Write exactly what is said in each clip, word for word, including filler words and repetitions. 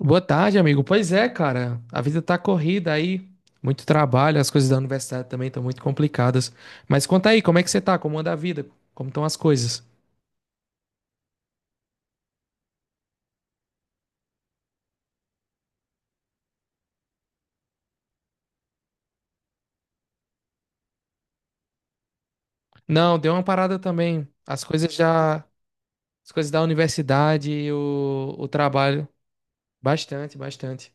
Boa tarde, amigo. Pois é, cara. A vida tá corrida aí, muito trabalho, as coisas da universidade também estão muito complicadas. Mas conta aí, como é que você tá? Como anda a vida? Como estão as coisas? Não, deu uma parada também. As coisas já, as coisas da universidade, e o, o trabalho, bastante, bastante.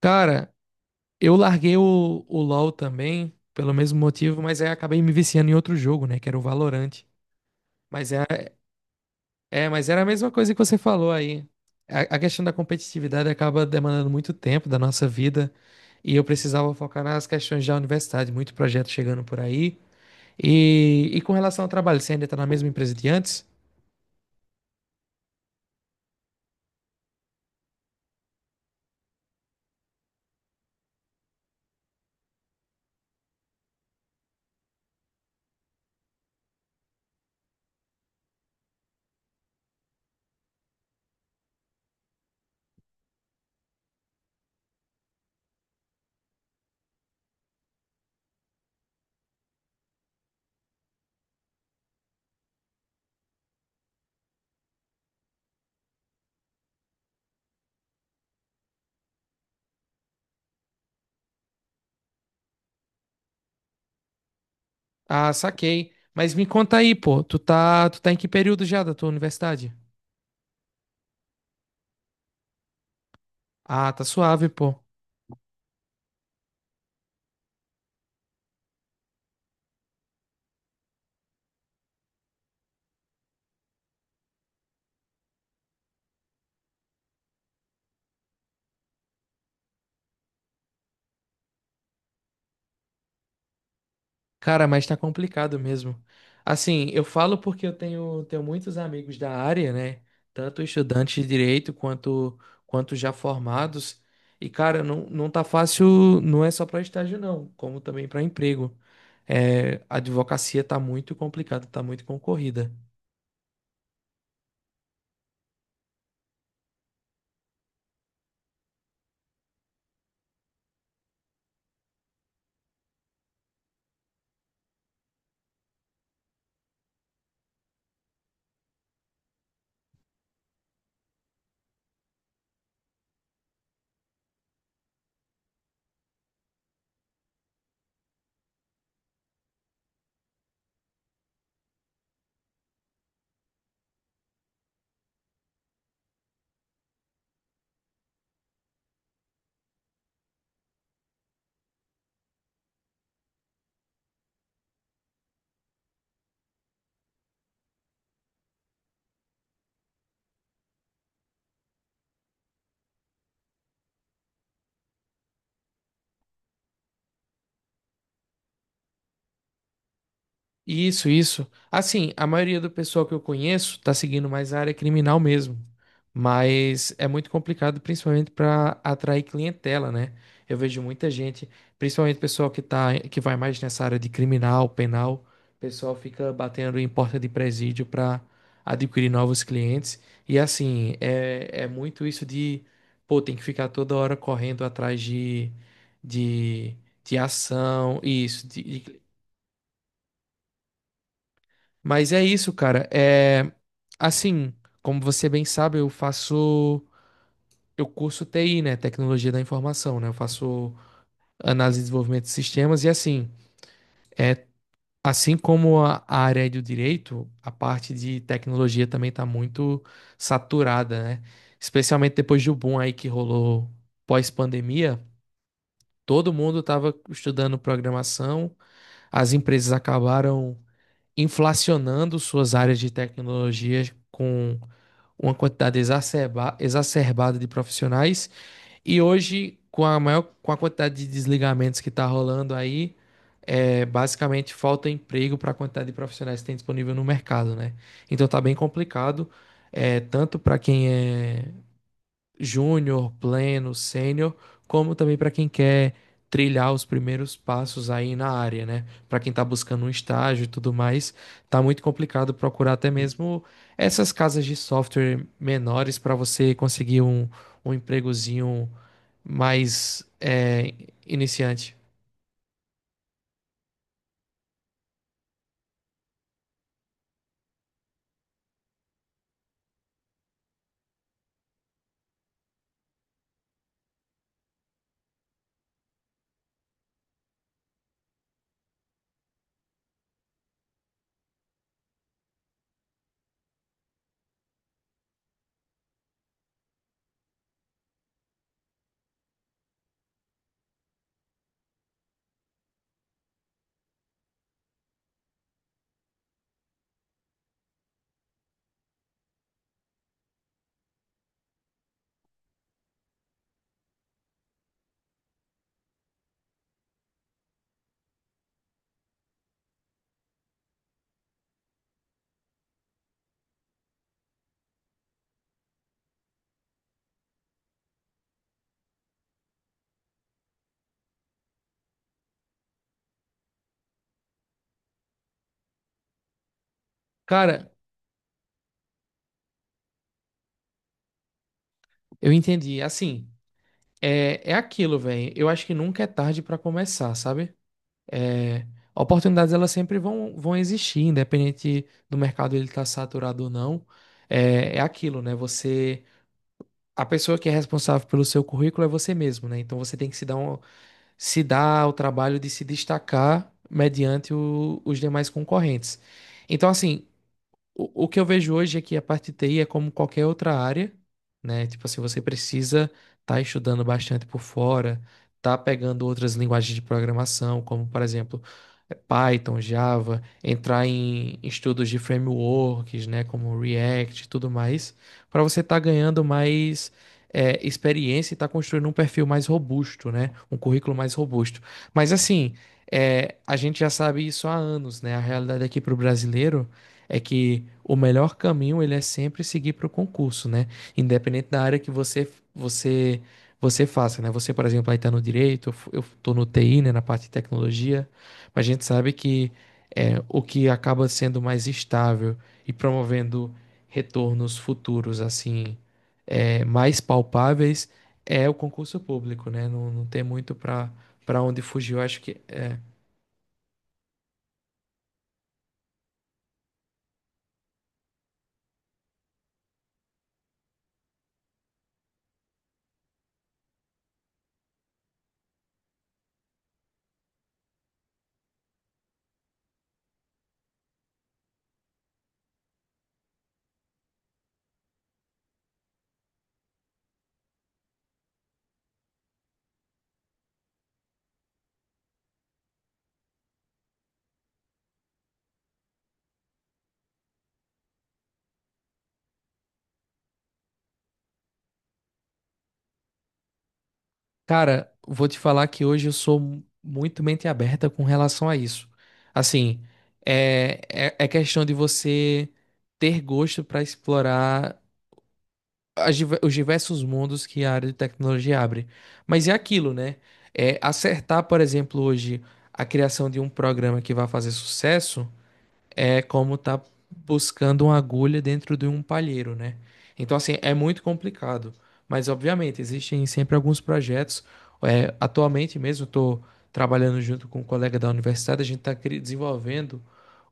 Cara, eu larguei o, o LoL também, pelo mesmo motivo, mas aí acabei me viciando em outro jogo, né, que era o Valorant. Mas é É, mas era a mesma coisa que você falou aí. A, a questão da competitividade acaba demandando muito tempo da nossa vida e eu precisava focar nas questões da universidade, muito projeto chegando por aí. E, e com relação ao trabalho, você ainda tá na mesma empresa de antes? Ah, saquei. Mas me conta aí, pô, tu tá, tu tá em que período já da tua universidade? Ah, tá suave, pô. Cara, mas tá complicado mesmo. Assim, eu falo porque eu tenho, tenho muitos amigos da área, né? Tanto estudantes de direito quanto, quanto já formados. E, cara, não, não tá fácil, não é só pra estágio, não, como também pra emprego. É, a advocacia tá muito complicada, tá muito concorrida. Isso, isso. Assim, a maioria do pessoal que eu conheço tá seguindo mais a área criminal mesmo. Mas é muito complicado, principalmente para atrair clientela, né? Eu vejo muita gente, principalmente pessoal que tá, que vai mais nessa área de criminal, penal, o pessoal fica batendo em porta de presídio para adquirir novos clientes. E assim, é, é muito isso de, pô, tem que ficar toda hora correndo atrás de, de, de ação, isso, de, de mas é isso, cara. É assim, como você bem sabe, eu faço eu curso T I, né, tecnologia da informação, né? Eu faço análise e desenvolvimento de sistemas e assim, é assim como a a área é do direito, a parte de tecnologia também tá muito saturada, né? Especialmente depois do boom aí que rolou pós-pandemia, todo mundo tava estudando programação, as empresas acabaram inflacionando suas áreas de tecnologias com uma quantidade exacerba- exacerbada de profissionais. E hoje, com a maior, com a quantidade de desligamentos que está rolando aí, é, basicamente falta emprego para a quantidade de profissionais que tem disponível no mercado, né? Então tá bem complicado, é, tanto para quem é júnior, pleno, sênior, como também para quem quer trilhar os primeiros passos aí na área, né? Para quem está buscando um estágio e tudo mais, tá muito complicado procurar até mesmo essas casas de software menores para você conseguir um, um empregozinho mais é, iniciante. Cara, eu entendi. Assim, é, é aquilo, velho. Eu acho que nunca é tarde para começar, sabe? É, oportunidades elas sempre vão, vão existir, independente do mercado ele estar saturado ou não. É, é aquilo, né? Você, a pessoa que é responsável pelo seu currículo é você mesmo, né? Então você tem que se dar, um, se dar o trabalho de se destacar mediante o- os demais concorrentes. Então, assim, o, o que eu vejo hoje é que a parte de T I é como qualquer outra área, né? Tipo assim, você precisa estar estudando bastante por fora, tá pegando outras linguagens de programação, como por exemplo, eh, Python, Java, entrar em estudos de frameworks, né? Como React e tudo mais, para você estar ganhando mais eh, experiência e estar construindo um perfil mais robusto, né? Um currículo mais robusto. Mas assim, eh, a gente já sabe isso há anos, né? A realidade aqui para o brasileiro é que o melhor caminho ele é sempre seguir para o concurso, né? Independente da área que você você você faça, né? Você, por exemplo, aí está no direito, eu f- eu tô no T I, né, na parte de tecnologia, mas a gente sabe que é, o que acaba sendo mais estável e promovendo retornos futuros assim é, mais palpáveis é o concurso público, né? Não, não tem muito para para onde fugir. Eu acho que é, cara, vou te falar que hoje eu sou mu- muito mente aberta com relação a isso. Assim, é, é, é questão de você ter gosto para explorar as diver- os diversos mundos que a área de tecnologia abre. Mas é aquilo, né? É, acertar, por exemplo, hoje a criação de um programa que vai fazer sucesso é como tá buscando uma agulha dentro de um palheiro, né? Então, assim, é muito complicado. Mas, obviamente, existem sempre alguns projetos. É, atualmente mesmo, estou trabalhando junto com um colega da universidade, a gente está desenvolvendo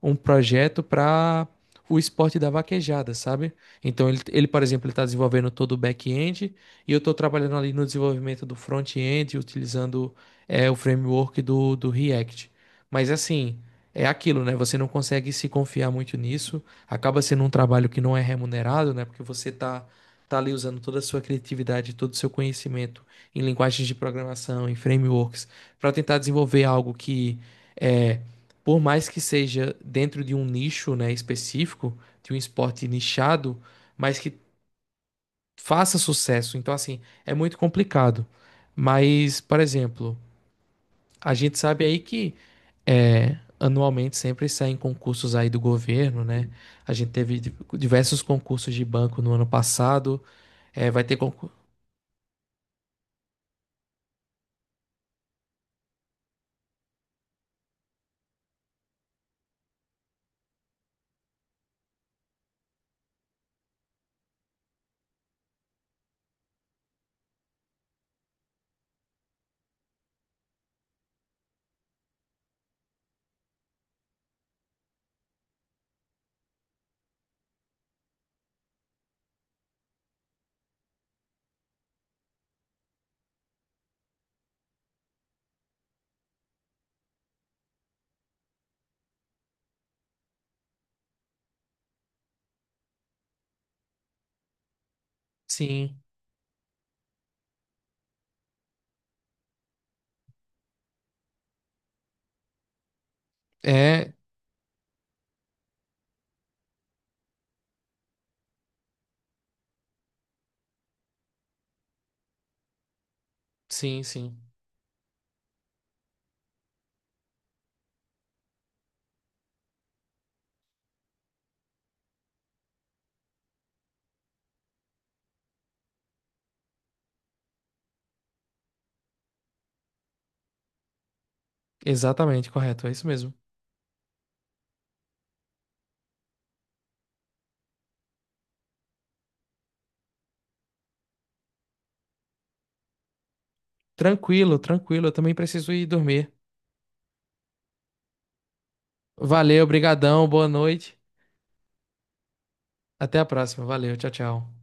um projeto para o esporte da vaquejada, sabe? Então, ele, ele por exemplo, ele está desenvolvendo todo o back-end e eu estou trabalhando ali no desenvolvimento do front-end, utilizando é, o framework do, do React. Mas, assim é aquilo, né? Você não consegue se confiar muito nisso, acaba sendo um trabalho que não é remunerado, né? Porque você tá, tá ali usando toda a sua criatividade, todo o seu conhecimento em linguagens de programação, em frameworks, para tentar desenvolver algo que é, por mais que seja dentro de um nicho, né, específico, de um esporte nichado, mas que faça sucesso. Então, assim, é muito complicado. Mas, por exemplo, a gente sabe aí que é, anualmente sempre saem concursos aí do governo, né? A gente teve di- diversos concursos de banco no ano passado. É, vai ter concurso. Sim, é, sim, sim. Exatamente, correto, é isso mesmo. Tranquilo, tranquilo, eu também preciso ir dormir. Valeu, brigadão, boa noite. Até a próxima. Valeu, tchau, tchau.